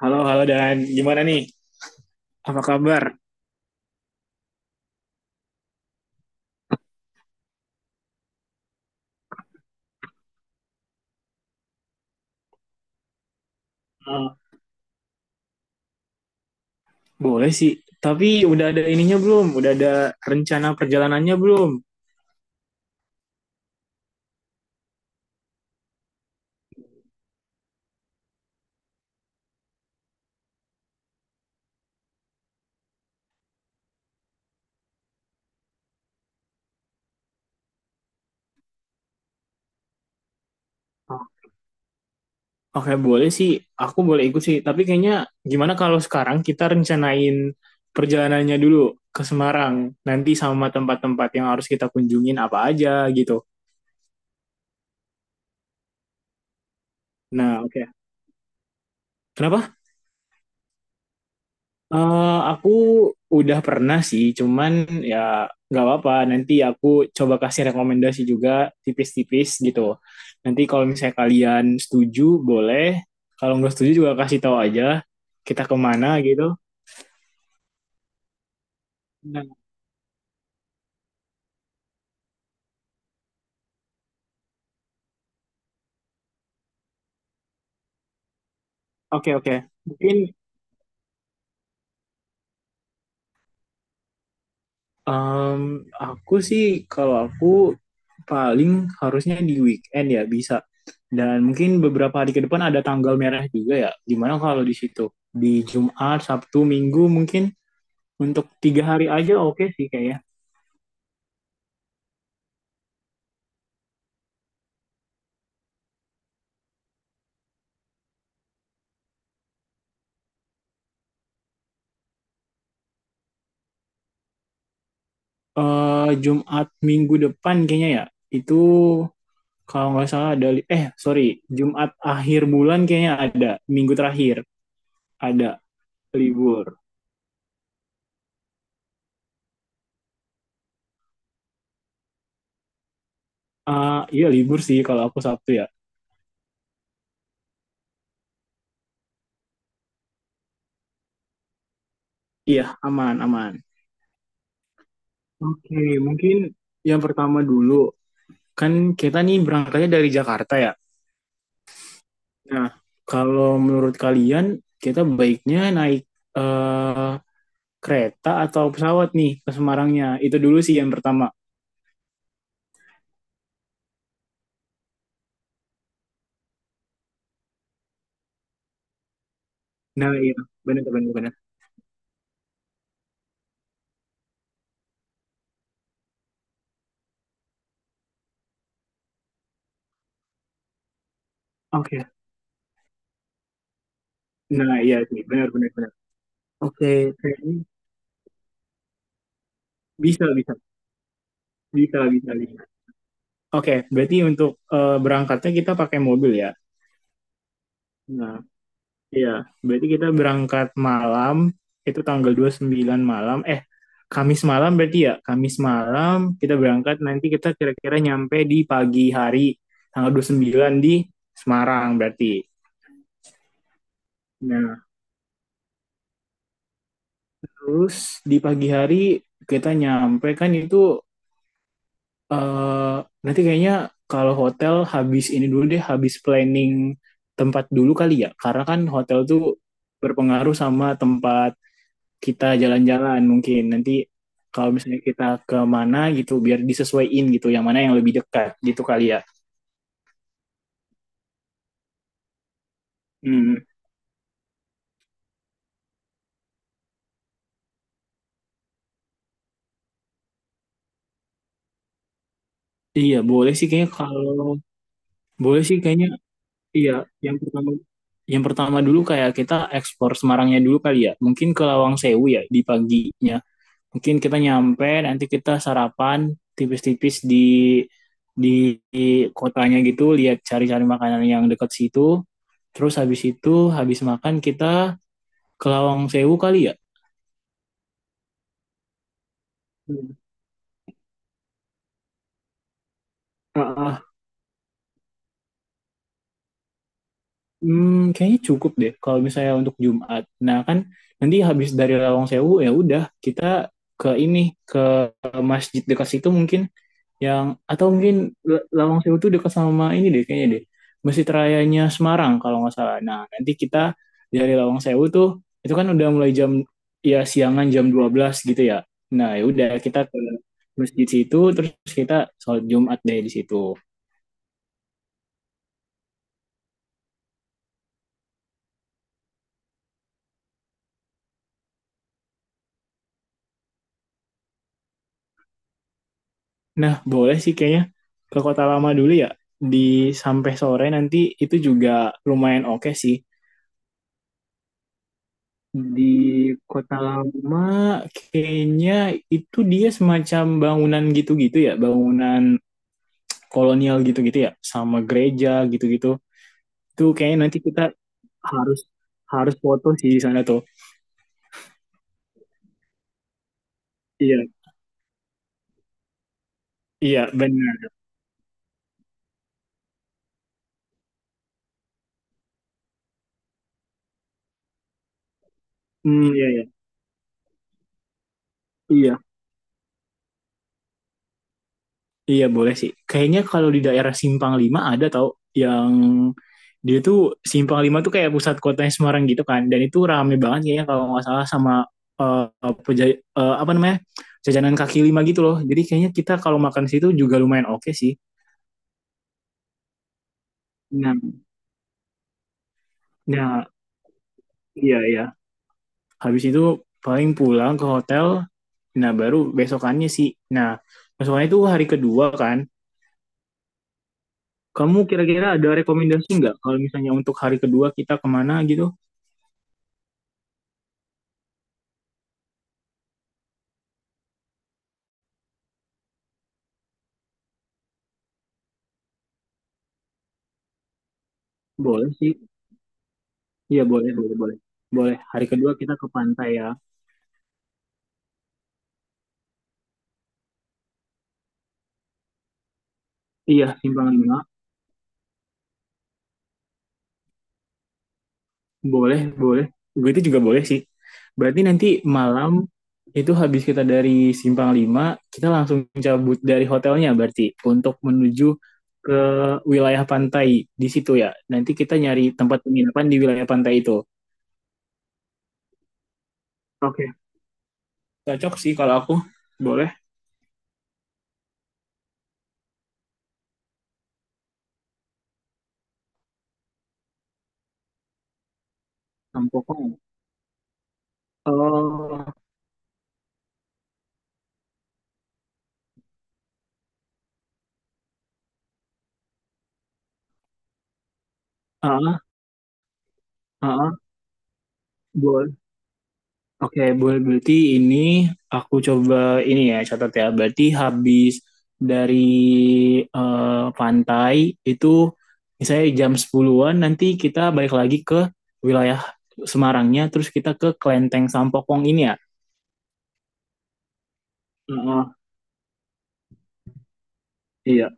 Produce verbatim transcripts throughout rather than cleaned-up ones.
Halo, halo Dan. Gimana nih? Apa kabar? Hmm. Boleh sih. Tapi udah ada ininya belum? Udah ada rencana perjalanannya belum? Hmm. Oke, boleh sih. Aku boleh ikut sih. Tapi kayaknya gimana kalau sekarang kita rencanain perjalanannya dulu ke Semarang. Nanti sama tempat-tempat yang harus kita kunjungin apa aja gitu. Nah, oke. Kenapa? Eh, aku udah pernah sih, cuman ya nggak apa-apa. Nanti aku coba kasih rekomendasi juga tipis-tipis gitu. Nanti kalau misalnya kalian setuju, boleh. Kalau nggak setuju juga kasih tahu aja kita kemana gitu. Nah, oke oke. Mungkin em, aku sih kalau aku paling harusnya di weekend ya bisa. Dan mungkin beberapa hari ke depan ada tanggal merah juga ya. Gimana kalau di situ? Di Jumat, Sabtu, Minggu mungkin? Untuk tiga hari aja oke sih kayaknya. Eh Jumat minggu depan kayaknya ya. Itu kalau nggak salah ada li- eh sorry Jumat akhir bulan kayaknya ada. Minggu terakhir ada libur. Eh iya libur sih kalau aku Sabtu ya. Iya, aman aman. Oke, mungkin yang pertama dulu kan kita nih berangkatnya dari Jakarta ya. Nah, kalau menurut kalian kita baiknya naik eh kereta atau pesawat nih ke Semarangnya. Itu dulu sih yang pertama. Nah, iya. Benar, benar, benar. Oke. Nah, iya sih. Benar, benar, benar. Oke. Kayaknya bisa, bisa. Bisa, bisa, bisa. Oke, berarti untuk eh, berangkatnya kita pakai mobil ya? Nah, iya. Berarti kita berangkat malam, itu tanggal dua puluh sembilan malam. Eh, Kamis malam berarti ya? Kamis malam kita berangkat, nanti kita kira-kira nyampe di pagi hari, tanggal dua puluh sembilan di Semarang berarti. Nah, terus di pagi hari kita nyampe kan itu eh nanti kayaknya kalau hotel habis ini dulu deh, habis planning tempat dulu kali ya. Karena kan hotel tuh berpengaruh sama tempat kita jalan-jalan mungkin. Nanti kalau misalnya kita ke mana gitu, biar disesuaiin gitu, yang mana yang lebih dekat gitu kali ya. Hmm, iya boleh sih kayaknya, kalau boleh sih kayaknya iya, yang pertama yang pertama dulu kayak kita eksplor Semarangnya dulu kali ya. Mungkin ke Lawang Sewu ya di paginya. Mungkin kita nyampe, nanti kita sarapan tipis-tipis di di, di kotanya gitu, lihat cari-cari makanan yang dekat situ. Terus habis itu, habis makan kita ke Lawang Sewu kali ya? Hmm. Ah, ah. Hmm, kayaknya cukup deh kalau misalnya untuk Jumat. Nah kan nanti habis dari Lawang Sewu ya udah kita ke ini, ke masjid dekat situ mungkin, yang atau mungkin Lawang Sewu itu dekat sama ini deh kayaknya, deh Masjid Rayanya Semarang kalau nggak salah. Nah, nanti kita dari Lawang Sewu tuh, itu kan udah mulai jam, ya siangan, jam dua belas gitu ya. Nah, ya udah kita ke masjid situ, terus kita sholat Jumat deh di situ. Nah, boleh sih kayaknya ke Kota Lama dulu ya, di sampai sore, nanti itu juga lumayan oke sih. Di Kota Lama kayaknya itu dia semacam bangunan gitu-gitu ya, bangunan kolonial gitu-gitu ya, sama gereja gitu-gitu. Itu kayaknya nanti kita harus harus foto sih di sana tuh. Iya, iya benar. Hmm, iya, iya. Iya, iya, boleh sih. Kayaknya kalau di daerah Simpang Lima ada tau, yang dia tuh Simpang Lima tuh kayak pusat kotanya Semarang gitu kan. Dan itu rame banget kayaknya kalau nggak salah, sama eh, peja- eh, apa namanya, jajanan kaki lima gitu loh. Jadi kayaknya kita kalau makan di situ juga lumayan oke sih. Nah, nah iya iya. Habis itu paling pulang ke hotel. Nah, baru besokannya sih. Nah, besokannya itu hari kedua kan. Kamu kira-kira ada rekomendasi nggak kalau misalnya untuk hari kedua kita kemana gitu? Boleh sih. Iya, boleh, boleh, boleh. Boleh. Hari kedua kita ke pantai ya. Iya, Simpang Lima. Boleh, boleh. Gue itu juga boleh sih. Berarti nanti malam itu habis kita dari Simpang Lima, kita langsung cabut dari hotelnya berarti untuk menuju ke wilayah pantai di situ ya. Nanti kita nyari tempat penginapan di wilayah pantai itu. Oke. Cocok sih kalau aku. Boleh. Kampung. Oh, ah, ah, ah, boleh. Oke, boleh. Berarti ini aku coba ini ya catat ya. Berarti habis dari eh, pantai itu misalnya jam sepuluhan, nanti kita balik lagi ke wilayah Semarangnya, terus kita ke Klenteng Sampokong ini ya. Heeh, iya,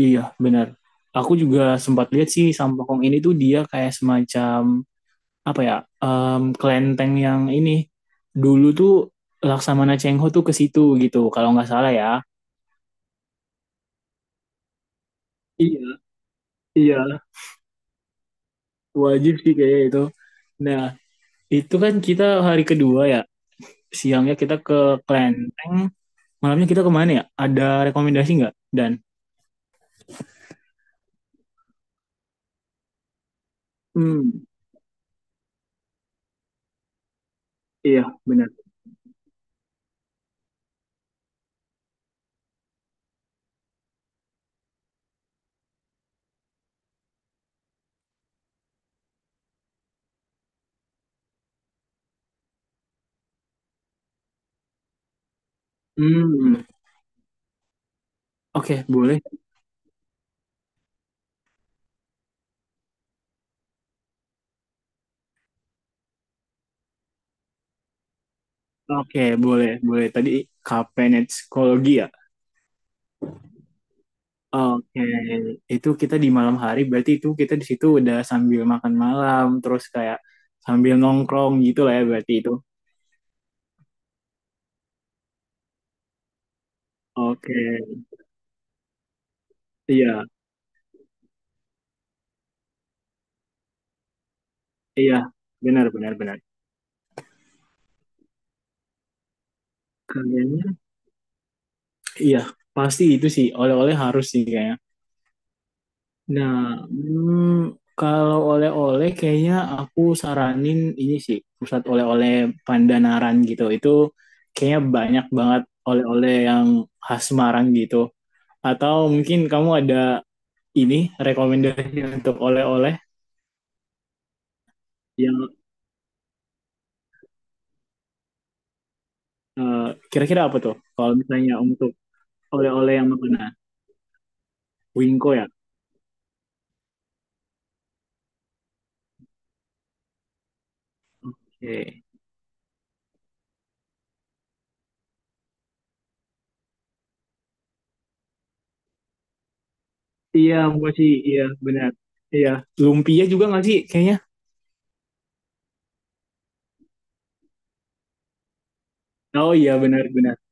iya benar. Aku juga sempat lihat sih Sampokong ini tuh dia kayak semacam apa ya? em, kelenteng yang ini dulu tuh Laksamana Cheng Ho tuh ke situ gitu kalau nggak salah ya. Iya, iya, wajib sih kayaknya itu. Nah, itu kan kita hari kedua ya. Siangnya kita ke Klenteng, malamnya kita kemana ya? Ada rekomendasi nggak? Dan hmm, iya, benar. Hmm, oke boleh. Oke, boleh boleh. Tadi Kapenet Psikologi ya. Oke, itu kita di malam hari. Berarti itu kita di situ udah sambil makan malam, terus kayak sambil nongkrong gitu lah ya. Berarti itu. Oke, iya iya, benar benar benar. Kayaknya iya, pasti itu sih. Oleh-oleh harus sih kayaknya. Nah, hmm, kalau oleh-oleh kayaknya aku saranin ini sih, pusat oleh-oleh Pandanaran gitu. Itu kayaknya banyak banget oleh-oleh yang khas Semarang gitu. Atau mungkin kamu ada ini rekomendasi untuk oleh-oleh yang eh, kira-kira apa tuh? Kalau misalnya untuk oleh-oleh yang makanan, Winko ya. Oke. Iya, gua sih, iya benar. Iya, lumpia juga nggak sih? Kayaknya. Oh, iya, benar, benar